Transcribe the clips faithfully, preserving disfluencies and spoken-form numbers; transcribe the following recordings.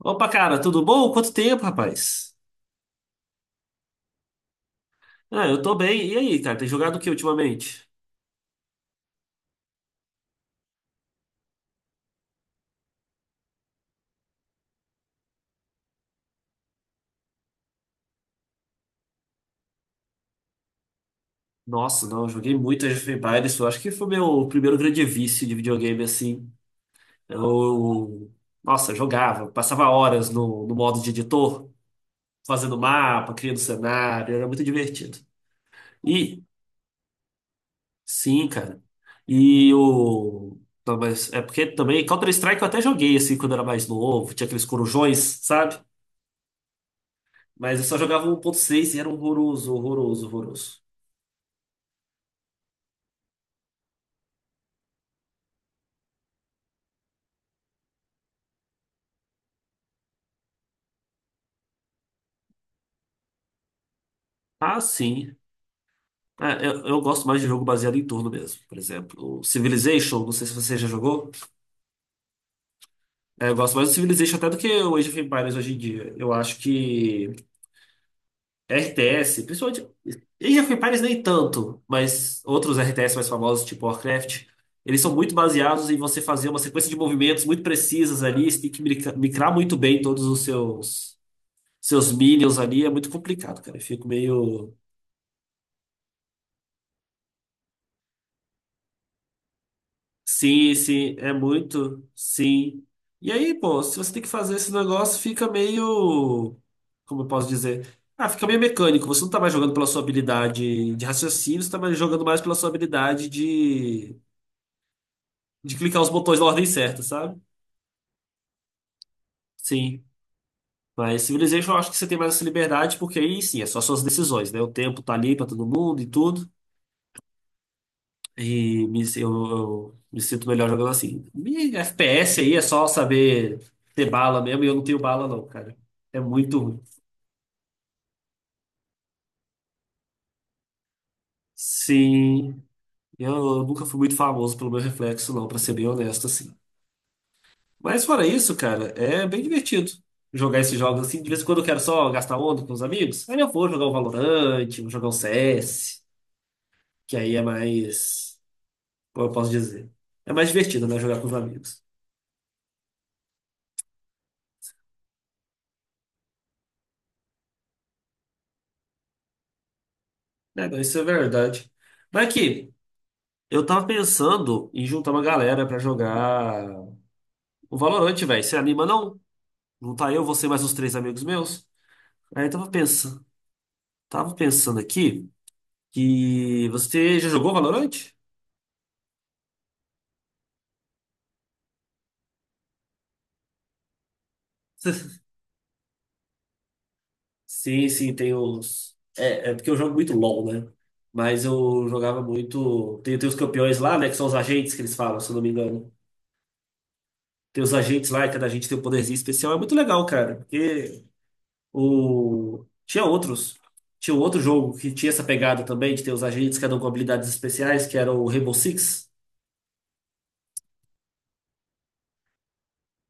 Opa, cara, tudo bom? Quanto tempo, rapaz? Ah, eu tô bem. E aí, cara, tem jogado o que ultimamente? Nossa, não, eu joguei muito Age of Empires. Eu acho que foi meu primeiro grande vício de videogame, assim. Eu, Nossa, jogava, passava horas no, no modo de editor, fazendo mapa, criando cenário, era muito divertido. E, sim, cara. E o. Não, mas é porque também Counter-Strike eu até joguei, assim, quando era mais novo, tinha aqueles corujões, sabe? Mas eu só jogava um ponto seis e era horroroso, horroroso, horroroso. Ah, sim. Ah, eu, eu gosto mais de jogo baseado em turno mesmo. Por exemplo, o Civilization, não sei se você já jogou. É, eu gosto mais do Civilization até do que o Age of Empires hoje em dia. Eu acho que R T S, principalmente. Age of Empires nem tanto, mas outros R T S mais famosos, tipo Warcraft, eles são muito baseados em você fazer uma sequência de movimentos muito precisas ali. Você tem que mica- micrar muito bem todos os seus, seus minions ali. É muito complicado, cara. Eu fico meio. Sim, sim, é muito, sim. E aí, pô, se você tem que fazer esse negócio, fica meio, como eu posso dizer? Ah, fica meio mecânico. Você não tá mais jogando pela sua habilidade de raciocínio, você tá mais jogando mais pela sua habilidade de, de clicar os botões na ordem certa, sabe? Sim. Mas Civilization eu acho que você tem mais essa liberdade, porque aí sim, é só suas decisões, né? O tempo tá ali pra todo mundo e tudo. E me, eu, eu me sinto melhor jogando assim. E F P S aí é só saber ter bala mesmo, e eu não tenho bala, não, cara. É muito ruim. Sim, eu, eu nunca fui muito famoso pelo meu reflexo, não, pra ser bem honesto, assim. Mas fora isso, cara, é bem divertido jogar esses jogos assim. De vez em quando eu quero só gastar onda com os amigos. Aí eu vou jogar um Valorant, vou jogar um C S, que aí é mais. Como eu posso dizer? É mais divertido, né? Jogar com os amigos. É, não, isso é verdade. Mas aqui. Eu tava pensando em juntar uma galera pra jogar o Valorant, velho. Você anima não? Não tá eu, você mais uns três amigos meus? Aí eu tava pensando, tava pensando aqui que você já jogou Valorant? Sim, sim, tem uns. É, é porque eu jogo muito LoL, né? Mas eu jogava muito. Tem, tem os campeões lá, né? Que são os agentes que eles falam, se eu não me engano. Tem os agentes lá e cada agente tem um poderzinho especial. É muito legal, cara. Porque O... Tinha outros. Tinha um outro jogo que tinha essa pegada também, de ter os agentes, cada um com habilidades especiais, que era o Rainbow Six.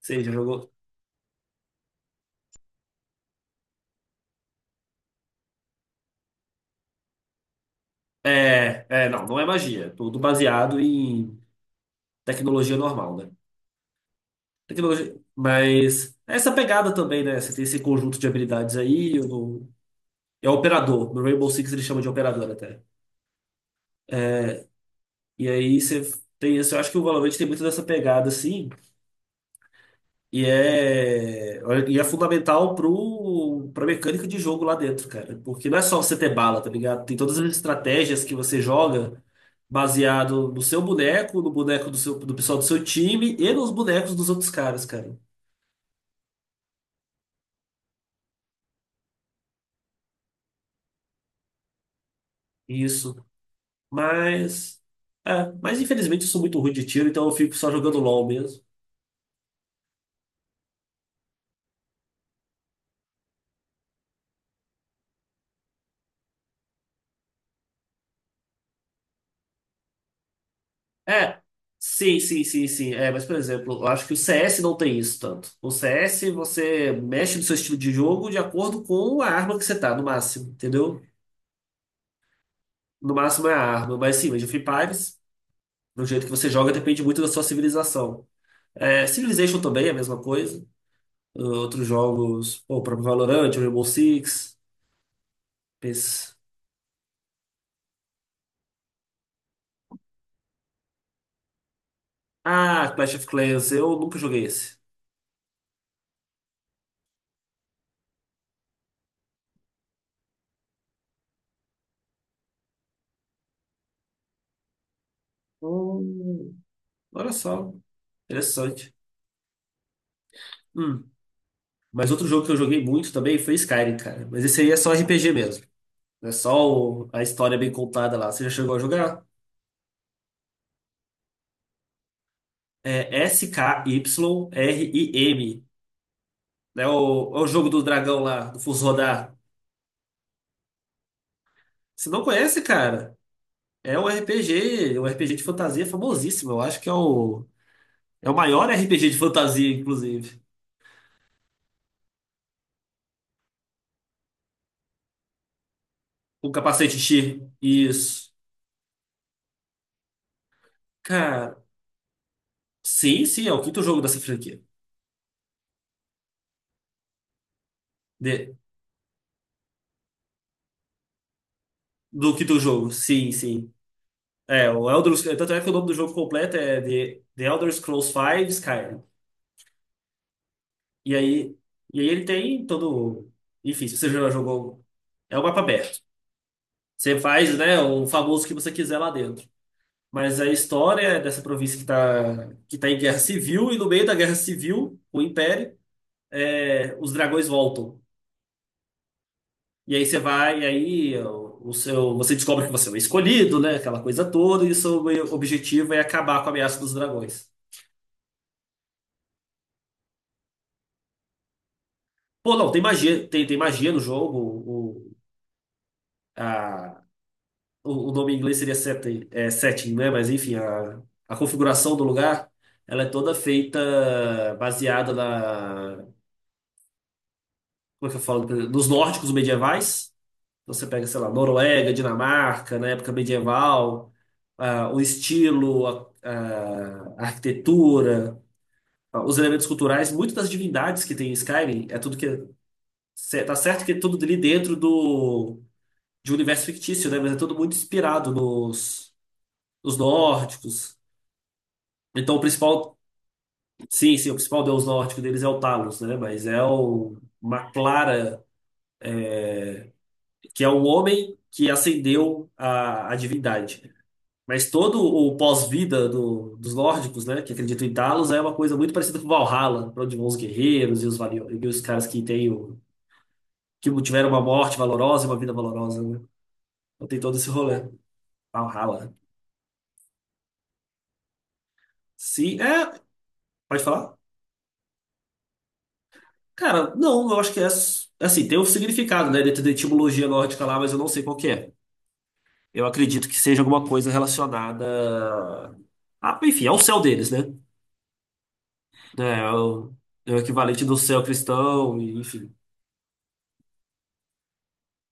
Você já jogou? É, é, não, não é magia. É tudo baseado em tecnologia normal, né? Tecnologia... Mas é essa pegada também, né? Você tem esse conjunto de habilidades aí. o- É o operador. No Rainbow Six ele chama de operador até. E aí você tem isso. Eu acho que o Valorant tem muito dessa pegada, assim. E é, e é fundamental pro, pra mecânica de jogo lá dentro, cara. Porque não é só você ter bala, tá ligado? Tem todas as estratégias que você joga baseado no seu boneco, no boneco do seu, do pessoal do seu time e nos bonecos dos outros caras, cara. Isso. Mas. É, mas infelizmente eu sou muito ruim de tiro, então eu fico só jogando LOL mesmo. É, sim, sim, sim, sim. É, mas, por exemplo, eu acho que o C S não tem isso tanto. O C S, você mexe no seu estilo de jogo de acordo com a arma que você tá, no máximo, entendeu? No máximo é a arma. Mas sim, mas o Free Fires, do jeito que você joga, depende muito da sua civilização. É, Civilization também é a mesma coisa. Uh, Outros jogos, pô, o próprio Valorant, o Rainbow Six, esse. Ah, Clash of Clans, eu nunca joguei esse. Hum, olha só, interessante. Hum. Mas outro jogo que eu joguei muito também foi Skyrim, cara. Mas esse aí é só R P G mesmo. É só o- a história bem contada lá. Você já chegou a jogar? É S-K-Y-R-I-M. É o, é o jogo do dragão lá, do Fus Rodar. Você não conhece, cara? É um R P G, um R P G de fantasia famosíssimo. Eu acho que é o, é o maior R P G de fantasia, inclusive. Com capacete X. Isso. Cara, sim, sim, é o quinto jogo dessa franquia. De- do quinto jogo, sim, sim. É, o Elder, Sc- tanto é que o nome do jogo completo é The, The Elder Scrolls cinco Skyrim. E aí, e aí ele tem todo. Enfim, se você já jogou. É um mapa aberto. Você faz, né, o famoso que você quiser lá dentro. Mas a história é dessa província que tá, que tá, em guerra civil, e no meio da guerra civil, o Império, é, os dragões voltam. E aí você vai, e aí o o seu, você descobre que você é o escolhido, né? Aquela coisa toda, e o seu objetivo é acabar com a ameaça dos dragões. Pô, não, tem magia, tem, tem magia no jogo. O, a, o, o nome em inglês seria setting, é, setting, né? Mas enfim, a, a configuração do lugar, ela é toda feita baseada na, como é que eu falo? Nos nórdicos medievais. Então, você pega, sei lá, Noruega, Dinamarca, na época medieval, ah, o estilo, a, a arquitetura, ah, os elementos culturais, muitas das divindades que tem em Skyrim, é tudo que é- tá certo que é tudo ali dentro do de um universo fictício, né? Mas é tudo muito inspirado nos, nos nórdicos. Então, o principal, sim, sim, o principal deus nórdico deles é o Talos, né? Mas é o, uma Clara, que é o homem que ascendeu a, a divindade. Mas todo o pós-vida do- dos nórdicos, né, que acreditam em Talos, é uma coisa muito parecida com Valhalla, para onde vão os guerreiros e os, valio- e os caras que têm o- que tiveram uma morte valorosa e uma vida valorosa, né? Então tem todo esse rolê. Valhalla. Sim, é. Pode falar? Cara, não, eu acho que é é assim, tem um significado, né, dentro da etimologia nórdica lá, mas eu não sei qual que é. Eu acredito que seja alguma coisa relacionada a, enfim, ao céu deles, né? É, é o, é o equivalente do céu cristão, e, enfim.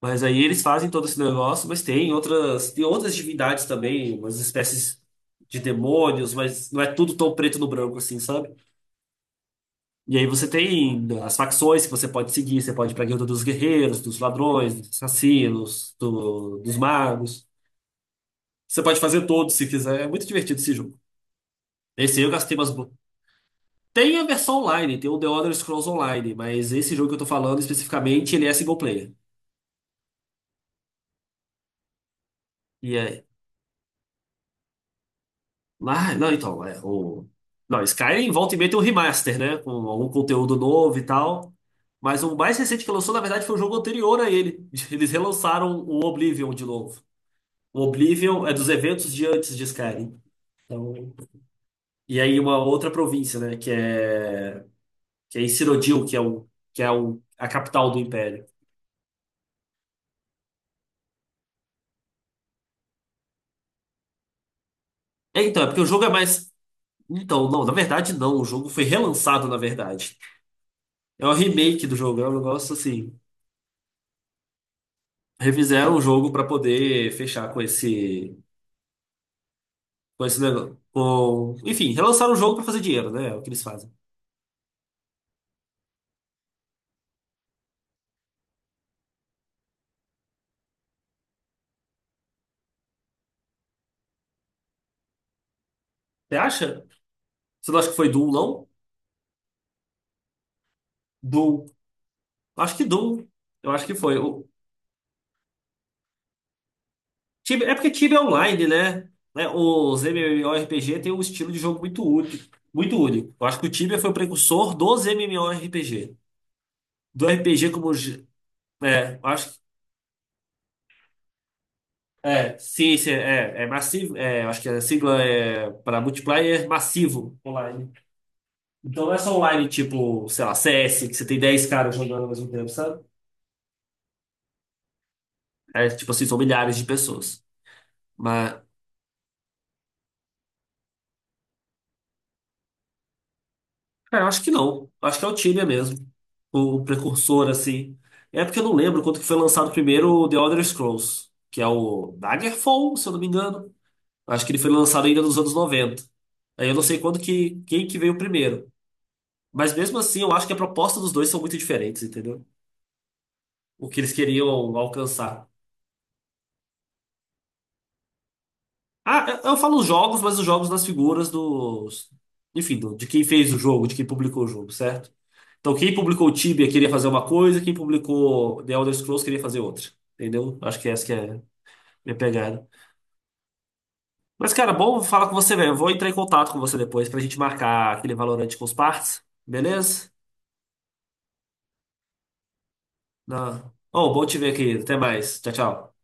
Mas aí eles fazem todo esse negócio, mas tem outras, tem outras divindades também, umas espécies de demônios, mas não é tudo tão preto no branco assim, sabe? E aí você tem as facções que você pode seguir, você pode ir pra guilda dos guerreiros, dos ladrões, dos assassinos, do- dos magos. Você pode fazer todos se quiser. É muito divertido esse jogo. Esse aí eu gastei umas. Bo- Tem a versão online, tem o The Elder Scrolls Online, mas esse jogo que eu tô falando especificamente, ele é single player. E é. Ah, não, então, é o. Não, Skyrim volta e meia tem um remaster, né? Com algum conteúdo novo e tal. Mas o mais recente que lançou, na verdade, foi o jogo anterior a ele. Eles relançaram o Oblivion de novo. O Oblivion é dos eventos de antes de Skyrim. Então, e aí uma outra província, né? Que é que é em Cyrodiil, que é o, que é o, a capital do Império. É, então, é porque o jogo é mais. Então, não, na verdade não, o jogo foi relançado, na verdade. É um remake do jogo, é um negócio assim. Refizeram o jogo pra poder fechar com esse. Com esse negócio. Com... Enfim, relançaram o jogo pra fazer dinheiro, né? É o que eles fazem. Você acha? Você não acha que foi Doom, não? Doom. Acho que Doom. Eu acho que foi. Tibia, é porque Tibia é online, né? Né, os MMORPG tem um estilo de jogo muito único, muito único. Eu acho que o Tibia foi o precursor dos MMORPG. Do R P G como gê- é, eu acho que é, sim, sim, é, é massivo, é, eu acho que a sigla é para multiplayer massivo online. Então não é só online tipo, sei lá, C S, que você tem dez caras jogando ao mesmo tempo, sabe? É tipo assim, são milhares de pessoas. mas Cara, eu acho que não. Acho que é o Tibia mesmo. O precursor, assim. É porque eu não lembro quanto que foi lançado primeiro o The Elder Scrolls, que é o Daggerfall, se eu não me engano. Acho que ele foi lançado ainda nos anos noventa. Aí eu não sei quando que, quem que veio primeiro. Mas mesmo assim, eu acho que a proposta dos dois são muito diferentes, entendeu? O que eles queriam alcançar. Ah, eu, eu falo os jogos, mas os jogos das figuras dos. Enfim, do- de quem fez o jogo, de quem publicou o jogo, certo? Então, quem publicou o Tibia queria fazer uma coisa, quem publicou The Elder Scrolls queria fazer outra. Entendeu? Acho que essa que é a minha pegada. Mas, cara, bom falar com você, velho. Eu vou entrar em contato com você depois pra gente marcar aquele Valorante com os partes, beleza? Na- Ô, bom te ver aqui. Até mais. Tchau, tchau.